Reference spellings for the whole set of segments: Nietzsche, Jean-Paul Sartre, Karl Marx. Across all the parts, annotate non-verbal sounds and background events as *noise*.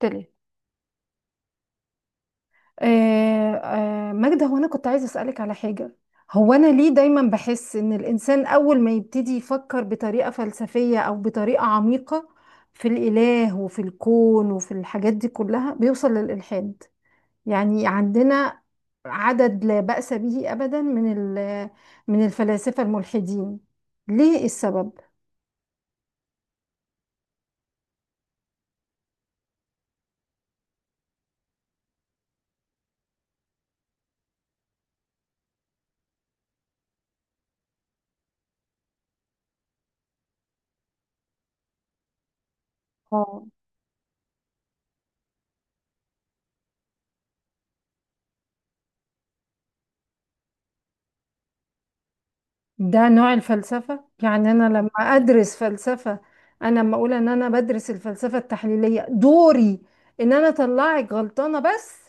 تلت آه ماجدة، هو أنا كنت عايزة أسألك على حاجة. هو أنا ليه دايما بحس إن الإنسان أول ما يبتدي يفكر بطريقة فلسفية أو بطريقة عميقة في الإله وفي الكون وفي الحاجات دي كلها بيوصل للإلحاد؟ يعني عندنا عدد لا بأس به أبدا من من الفلاسفة الملحدين. ليه السبب؟ اه، ده نوع الفلسفة؟ يعني أنا لما أدرس فلسفة، أنا لما أقول إن أنا بدرس الفلسفة التحليلية دوري إن أنا أطلعك غلطانة بس؟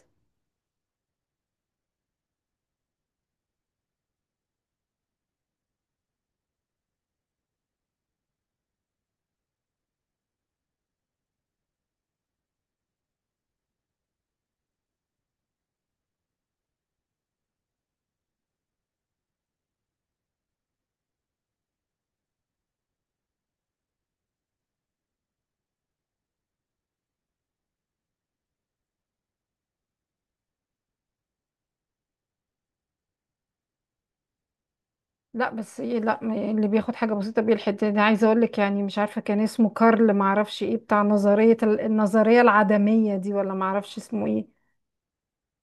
لا بس إيه، لا ما- يعني اللي بياخد حاجة بسيطة بيلحد، أنا عايزة أقول لك يعني مش عارفة كان اسمه كارل، معرفش إيه، بتاع نظرية النظرية العدمية دي، ولا معرفش اسمه إيه.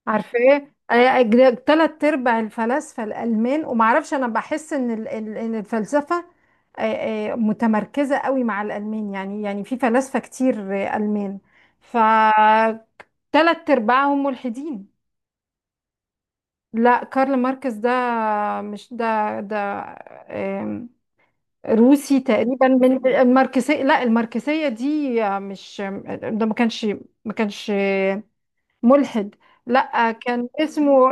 عارفاه. 3/4 ارباع الفلاسفه الالمان، ومعرفش انا بحس ان إن الفلسفه متمركزه قوي مع الالمان. يعني يعني في فلاسفه كتير المان. ف ثلاث ارباعهم ملحدين. لا كارل ماركس ده، مش ده. آم، روسي تقريبا من الماركسية. لا الماركسية دي مش ده، ما كانش، ما كانش ملحد. لا كان اسمه،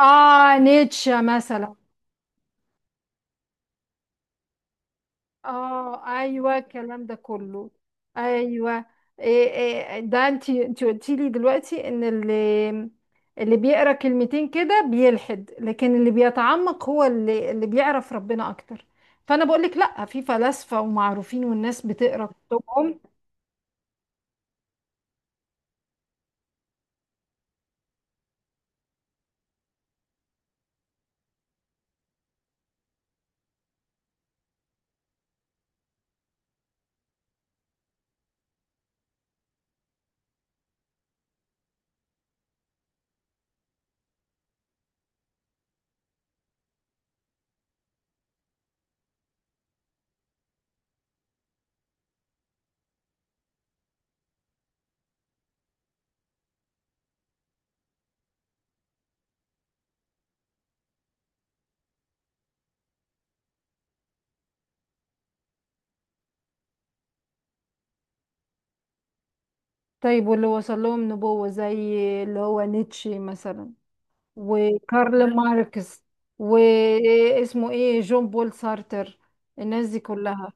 اه نيتشه مثلا. اه ايوه الكلام ده كله. ايوه. إيه، إيه ده، انت قلتي لي دلوقتي ان اللي، اللي بيقرا كلمتين كده بيلحد، لكن اللي بيتعمق هو اللي بيعرف ربنا اكتر. فانا بقول لك لا، في فلاسفه ومعروفين والناس بتقرا كتبهم. طيب واللي وصل لهم نبوه زي اللي هو نيتشه مثلا، وكارل ماركس، واسمه ايه، جون بول سارتر، الناس دي كلها.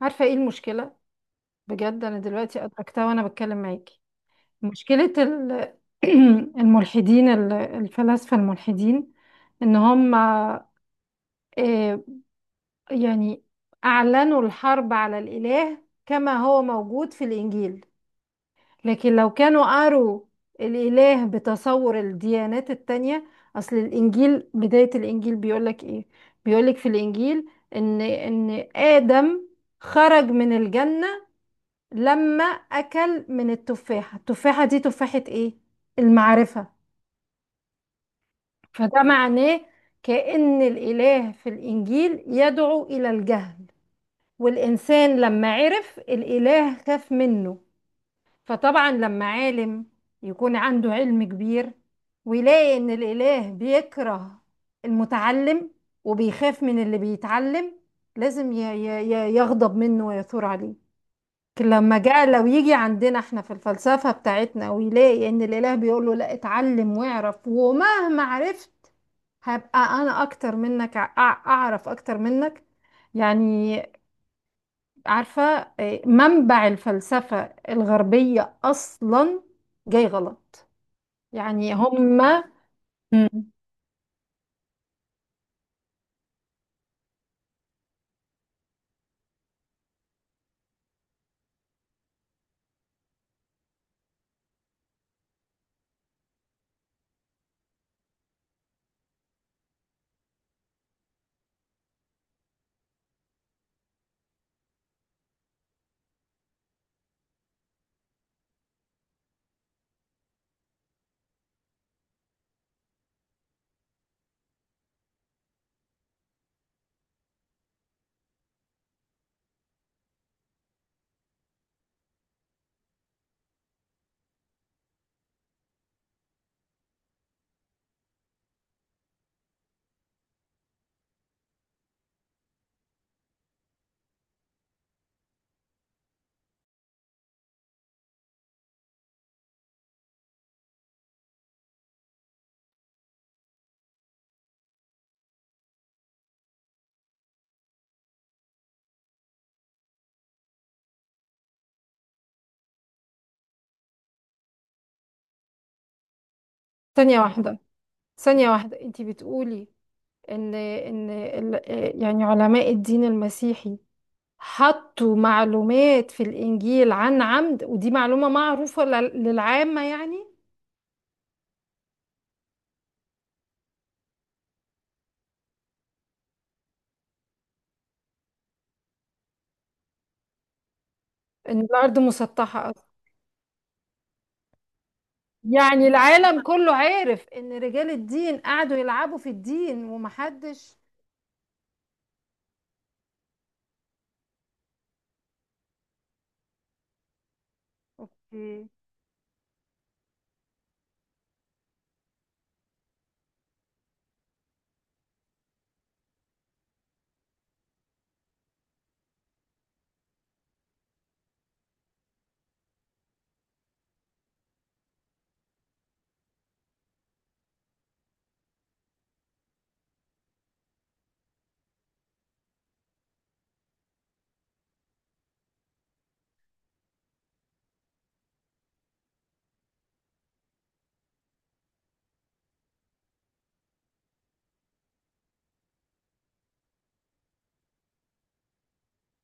عارفة ايه المشكلة؟ بجد انا دلوقتي ادركتها وانا بتكلم معاكي. مشكلة *clears throat* الملحدين، الفلاسفة الملحدين، ان هم يعني اعلنوا الحرب على الاله كما هو موجود في الانجيل، لكن لو كانوا قروا الإله بتصور الديانات التانية. أصل الإنجيل، بداية الإنجيل بيقولك إيه؟ بيقولك في الإنجيل إن آدم خرج من الجنة لما أكل من التفاحة. التفاحة دي تفاحة إيه؟ المعرفة. فده معناه كأن الإله في الإنجيل يدعو إلى الجهل، والإنسان لما عرف الإله خاف منه. فطبعا لما عالم يكون عنده علم كبير، ويلاقي ان الاله بيكره المتعلم، وبيخاف من اللي بيتعلم، لازم يغضب منه ويثور عليه. لكن لما جاء، لو يجي عندنا احنا في الفلسفة بتاعتنا، ويلاقي ان الاله بيقول له لا اتعلم واعرف، ومهما عرفت هبقى انا اكتر منك، اعرف اكتر منك، يعني عارفة، منبع الفلسفة الغربية أصلا جاي غلط، يعني هما. مم. ثانية واحدة، ثانية واحدة، انتي بتقولي ان يعني علماء الدين المسيحي حطوا معلومات في الإنجيل عن عمد، ودي معلومة معروفة للعامة يعني؟ ان الأرض مسطحة أصلا؟ يعني العالم كله عارف ان رجال الدين قعدوا يلعبوا في الدين ومحدش؟ اوكي.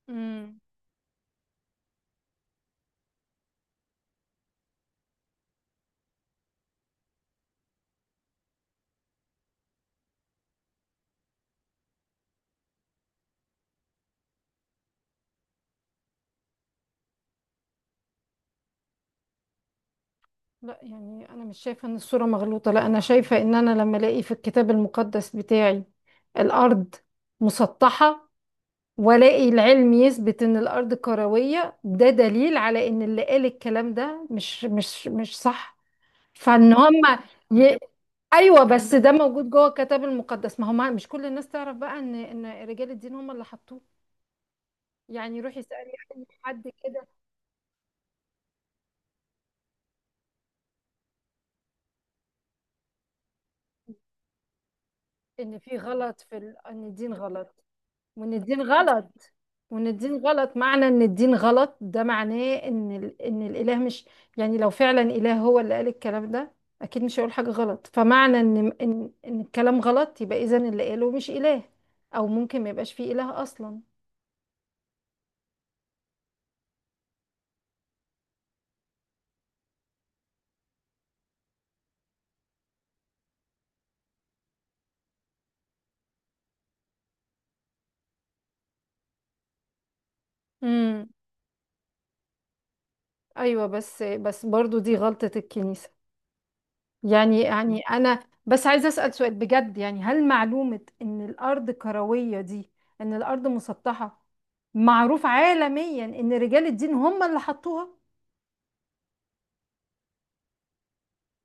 مم. لا يعني انا مش شايفه ان الصوره مغلوطه. لا انا شايفه ان انا لما الاقي في الكتاب المقدس بتاعي الارض مسطحه، والاقي العلم يثبت ان الارض كرويه، ده دليل على ان اللي قال الكلام ده مش صح. فان هم ي... ايوه بس ده موجود جوه الكتاب المقدس. ما هو مش كل الناس تعرف بقى ان رجال الدين هم اللي حطوه، يعني روحي اسالي اي حد كده. ان في غلط في ال... ان الدين غلط، وان الدين غلط. وان الدين غلط معنى ان الدين غلط، ده معناه ان ال... ان الاله مش، يعني لو فعلا اله هو اللي قال الكلام ده اكيد مش هيقول حاجه غلط. فمعنى ان ان الكلام غلط، يبقى اذا اللي قاله مش اله، او ممكن ما يبقاش فيه اله اصلا. امم. ايوه بس، بس برضو دي غلطه الكنيسه. يعني يعني انا بس عايزه اسال سؤال بجد، يعني هل معلومه ان الارض كرويه دي، ان الارض مسطحه، معروف عالميا ان رجال الدين هم اللي حطوها؟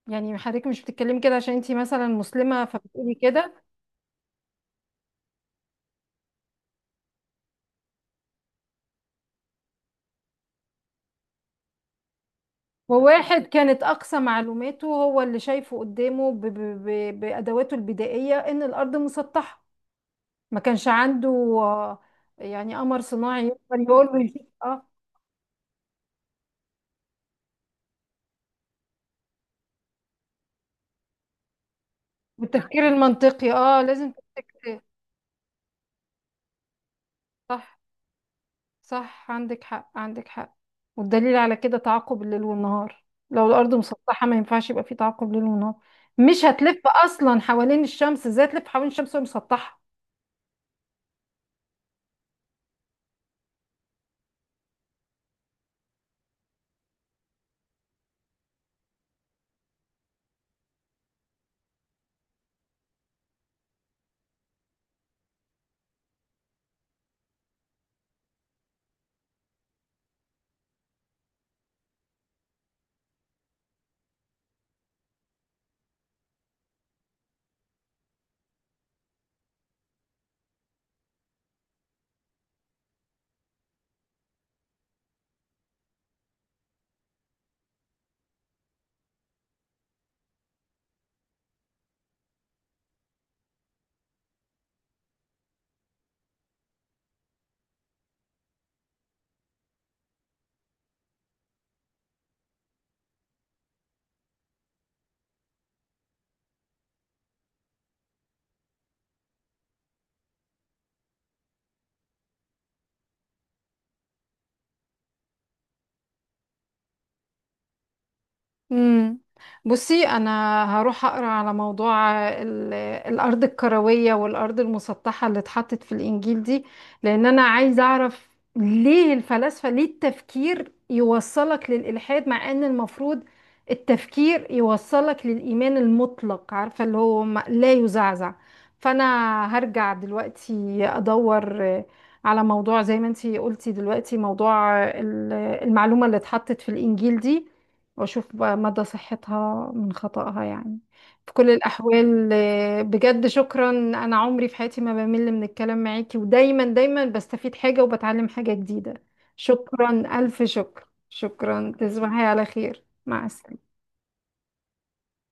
يعني حضرتك مش بتتكلمي كده عشان انتي مثلا مسلمه فبتقولي كده؟ وواحد كانت اقصى معلوماته هو اللي شايفه قدامه ب ب ب بادواته البدائيه ان الارض مسطحه. ما كانش عنده آه، يعني قمر صناعي يقدر يقول له يشوف. اه، والتفكير المنطقي، اه لازم تفتكر. صح، صح، عندك حق، عندك حق. والدليل على كده تعاقب الليل والنهار، لو الأرض مسطحة ما ينفعش يبقى في تعاقب ليل ونهار. مش هتلف أصلا حوالين الشمس، ازاي تلف حوالين الشمس وهي مسطحة؟ امم. بصي انا هروح اقرا على موضوع الارض الكرويه والارض المسطحه اللي اتحطت في الانجيل دي، لان انا عايزه اعرف ليه الفلاسفه، ليه التفكير يوصلك للالحاد، مع ان المفروض التفكير يوصلك للايمان المطلق، عارفه اللي هو لا يزعزع. فانا هرجع دلوقتي ادور على موضوع زي ما انتي قلتي دلوقتي، موضوع المعلومه اللي اتحطت في الانجيل دي، واشوف بقى مدى صحتها من خطأها يعني. في كل الاحوال بجد شكرا، انا عمري في حياتي ما بمل من الكلام معاكي، ودايما دايما بستفيد حاجة وبتعلم حاجة جديدة. شكرا، الف شكر، شكرا، تصبحي على خير، مع السلامة.